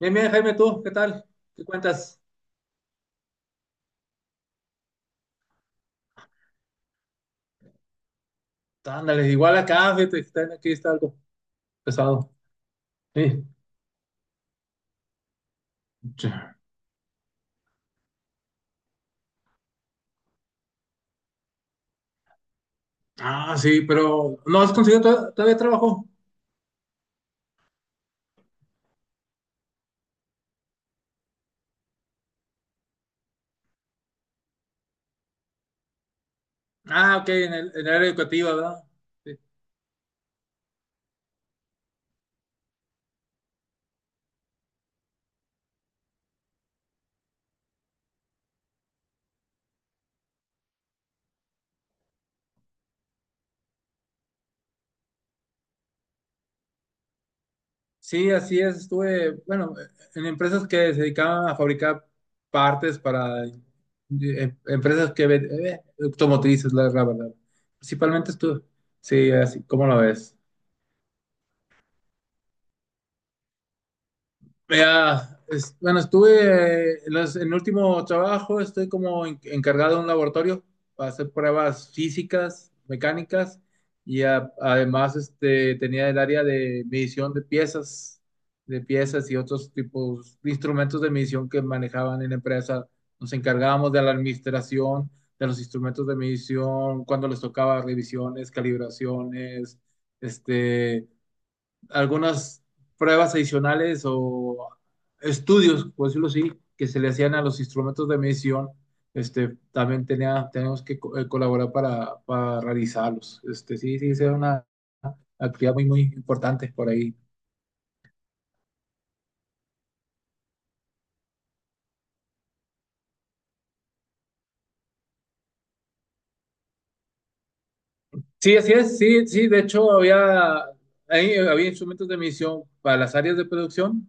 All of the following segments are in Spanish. Bien, bien, Jaime, ¿tú qué tal? ¿Qué cuentas? Ándale, igual acá, fíjate, aquí está algo pesado. Sí. Ah, sí, pero ¿no has conseguido todavía trabajo? Ah, ok, en en el área educativa, ¿verdad? Sí. Sí, así es, estuve, bueno, en empresas que se dedicaban a fabricar partes para empresas que automotrices, la verdad. Principalmente estuve, sí, así, ¿cómo lo ves? Bueno, estuve en en el último trabajo, estoy como encargado de un laboratorio para hacer pruebas físicas, mecánicas, y además este, tenía el área de medición de piezas y otros tipos de instrumentos de medición que manejaban en la empresa. Nos encargábamos de la administración de los instrumentos de medición, cuando les tocaba revisiones, calibraciones, este, algunas pruebas adicionales o estudios, por decirlo así, que se le hacían a los instrumentos de medición, este, también tenía, tenemos que colaborar para realizarlos. Este, sí, era una actividad muy, muy importante por ahí. Sí, así es, sí, sí, de hecho había, ahí había instrumentos de medición para las áreas de producción,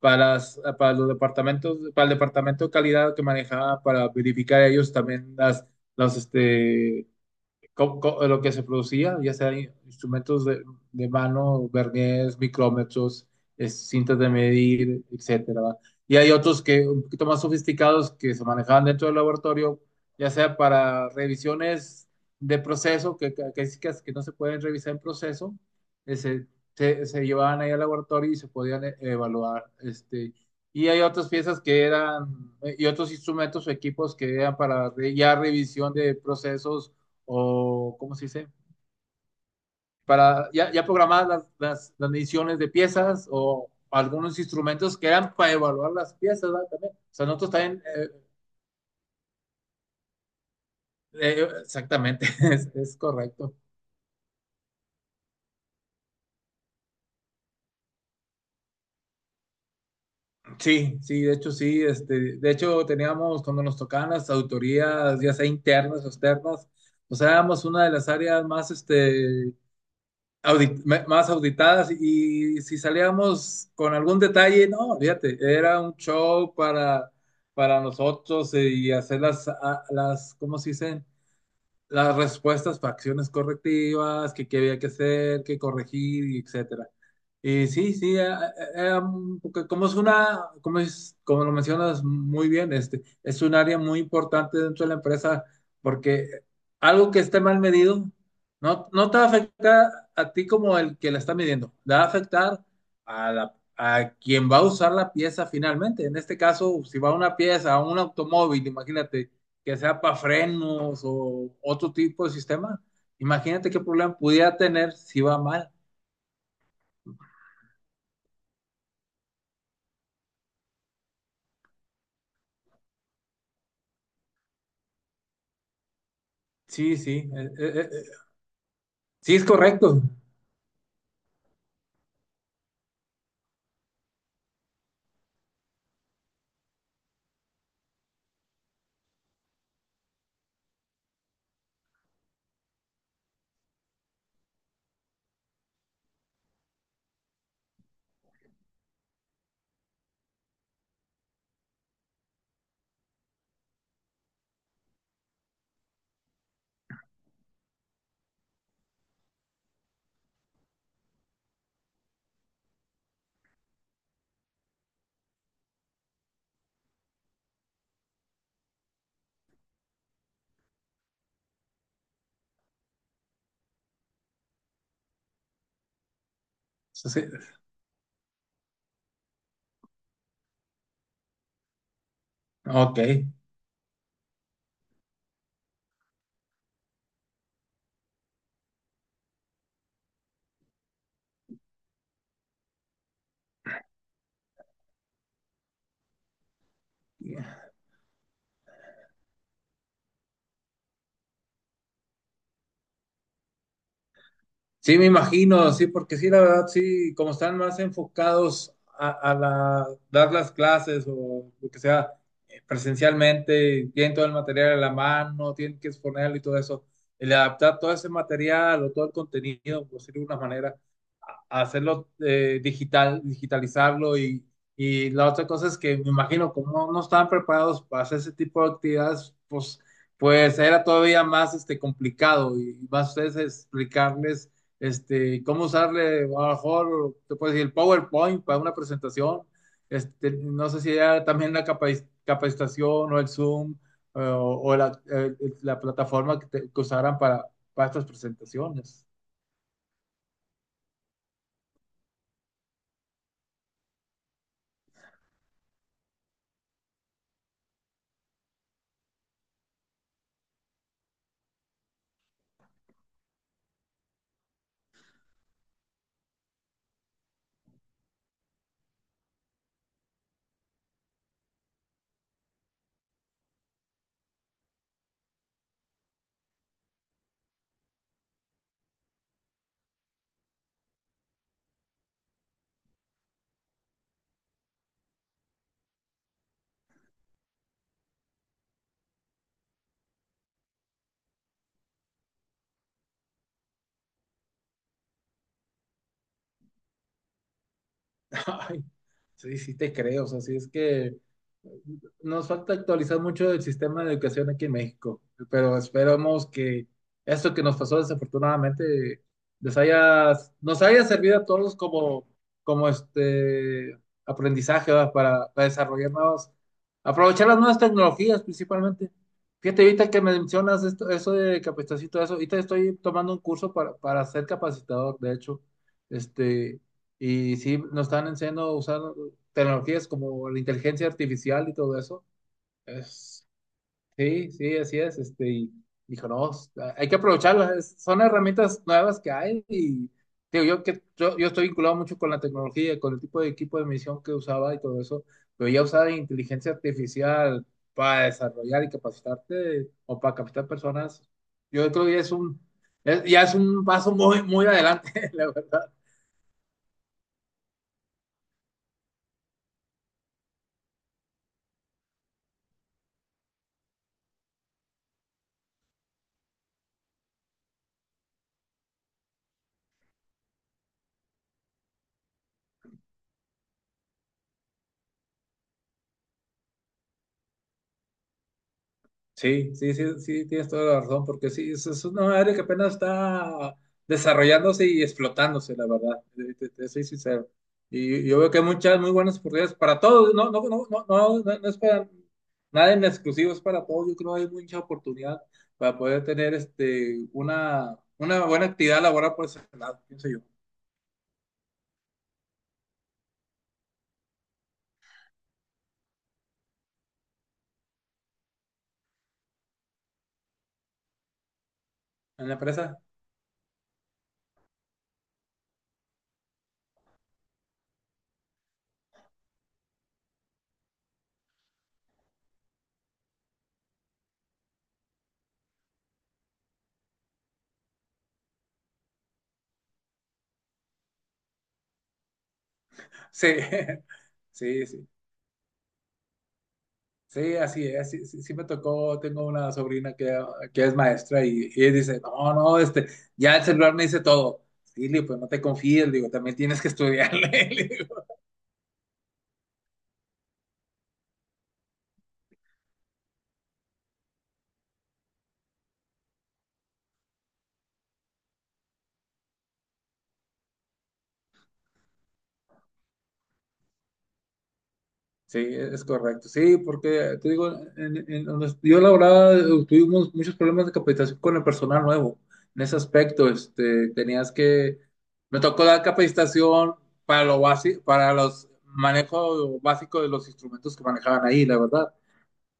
para, las, para los departamentos, para el departamento de calidad que manejaba para verificar ellos también las, este, lo que se producía, ya sea instrumentos de mano, verniers, micrómetros, cintas de medir, etcétera. ¿Va? Y hay otros que un poquito más sofisticados que se manejaban dentro del laboratorio, ya sea para revisiones de proceso, que, sí que no se pueden revisar en proceso, eh, se, se llevaban ahí al laboratorio y se podían evaluar, este. Y hay otras piezas que eran, y otros instrumentos o equipos que eran para ya revisión de procesos o ¿cómo se dice? Para ya, ya programadas las mediciones de piezas o algunos instrumentos que eran para evaluar las piezas, ¿verdad? También. O sea, nosotros también, exactamente, es, correcto. Sí, sí, de hecho, sí, este, de hecho teníamos, cuando nos tocaban las autorías, ya sea internas o externas, pues éramos una de las áreas más, este, más auditadas, y si salíamos con algún detalle, no, fíjate, era un show para nosotros, y hacer las, ¿cómo se dicen? Las respuestas para acciones correctivas, que qué había que hacer, qué corregir, y etc. Y sí, sí, porque como es una, como es, como lo mencionas muy bien, este, es un área muy importante dentro de la empresa, porque algo que esté mal medido no te va a afectar a ti como el que la está midiendo, le va a afectar a la, a quien va a usar la pieza finalmente. En este caso, si va una pieza a un automóvil, imagínate que sea para frenos o otro tipo de sistema, imagínate qué problema pudiera tener si va mal. Sí, sí, sí, es correcto. Sí, sí. Ok. Sí, me imagino, sí, porque sí, la verdad, sí, como están más enfocados a, dar las clases o lo que sea, presencialmente, tienen todo el material a la mano, tienen que exponerlo y todo eso, el adaptar todo ese material o todo el contenido, por decirlo de una manera, hacerlo digital, digitalizarlo, y la otra cosa es que me imagino como no, no estaban preparados para hacer ese tipo de actividades, pues, pues era todavía más este, complicado, y más ustedes explicarles este, cómo usarle, a lo mejor, te puedes decir, el PowerPoint para una presentación, este, no sé si era también la capacitación o el Zoom, o la plataforma que usaran para estas presentaciones. Ay, sí, sí te creo, o sea, sí es que nos falta actualizar mucho el sistema de educación aquí en México, pero esperamos que esto que nos pasó desafortunadamente les haya, nos haya servido a todos como, como este aprendizaje, ¿verdad? Para desarrollar nuevas, aprovechar las nuevas tecnologías principalmente. Fíjate, ahorita que me mencionas esto, eso de capacitación y todo eso, ahorita estoy tomando un curso para ser capacitador, de hecho, este, y sí, nos están enseñando a usar tecnologías como la inteligencia artificial y todo eso. Es- sí, sí, así es. Este, y dijo, no, s- ah, hay que aprovecharlas. Son herramientas nuevas que hay. Y digo, yo estoy vinculado mucho con la tecnología, con el tipo de equipo de misión que usaba y todo eso. Pero ya usar inteligencia artificial para desarrollar y capacitarte o para capacitar personas, yo creo que ya es ya es un paso muy, muy adelante, la verdad. Sí, sí, tienes toda la razón, porque sí, es una área que apenas está desarrollándose y explotándose, la verdad, te soy sincero. Y yo veo que hay muchas muy buenas oportunidades para todos, no es para nada en exclusivo, es para todos. Yo creo que hay mucha oportunidad para poder tener este, una buena actividad laboral por ese lado, pienso yo, en la empresa. Sí, sí, sí. Sí, así es, sí, sí me tocó, tengo una sobrina que es maestra y ella dice, no, no, este, ya el celular me dice todo. Sí, le digo, pues no te confíes, le digo, también tienes que estudiarle. Le digo. Sí, es correcto, sí, porque te digo, en donde yo laboraba, tuvimos muchos problemas de capacitación con el personal nuevo. En ese aspecto, este, me tocó dar capacitación para lo básico, para los manejo básico de los instrumentos que manejaban ahí, la verdad.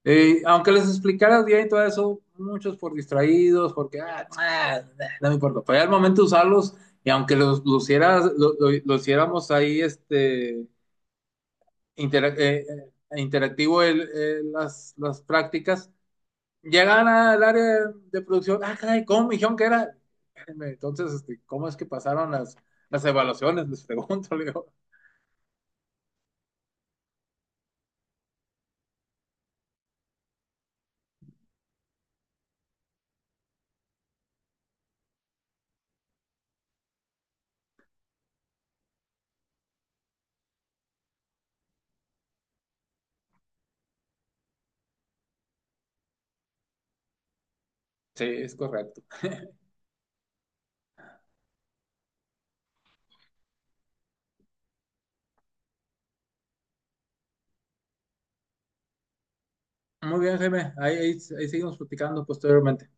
Aunque les explicaras bien y todo eso, muchos por distraídos, porque no me importa. Pero ya al momento de usarlos, y aunque los lo hiciéramos ahí este, intera- eh, interactivo las prácticas, llegaban al área de producción. Ah, caray, ¿cómo me dijeron que era? Espérenme. Entonces, este, ¿cómo es que pasaron las evaluaciones? Les pregunto, le digo. Sí, es correcto. Muy bien, Jaime. Ahí, ahí seguimos platicando posteriormente.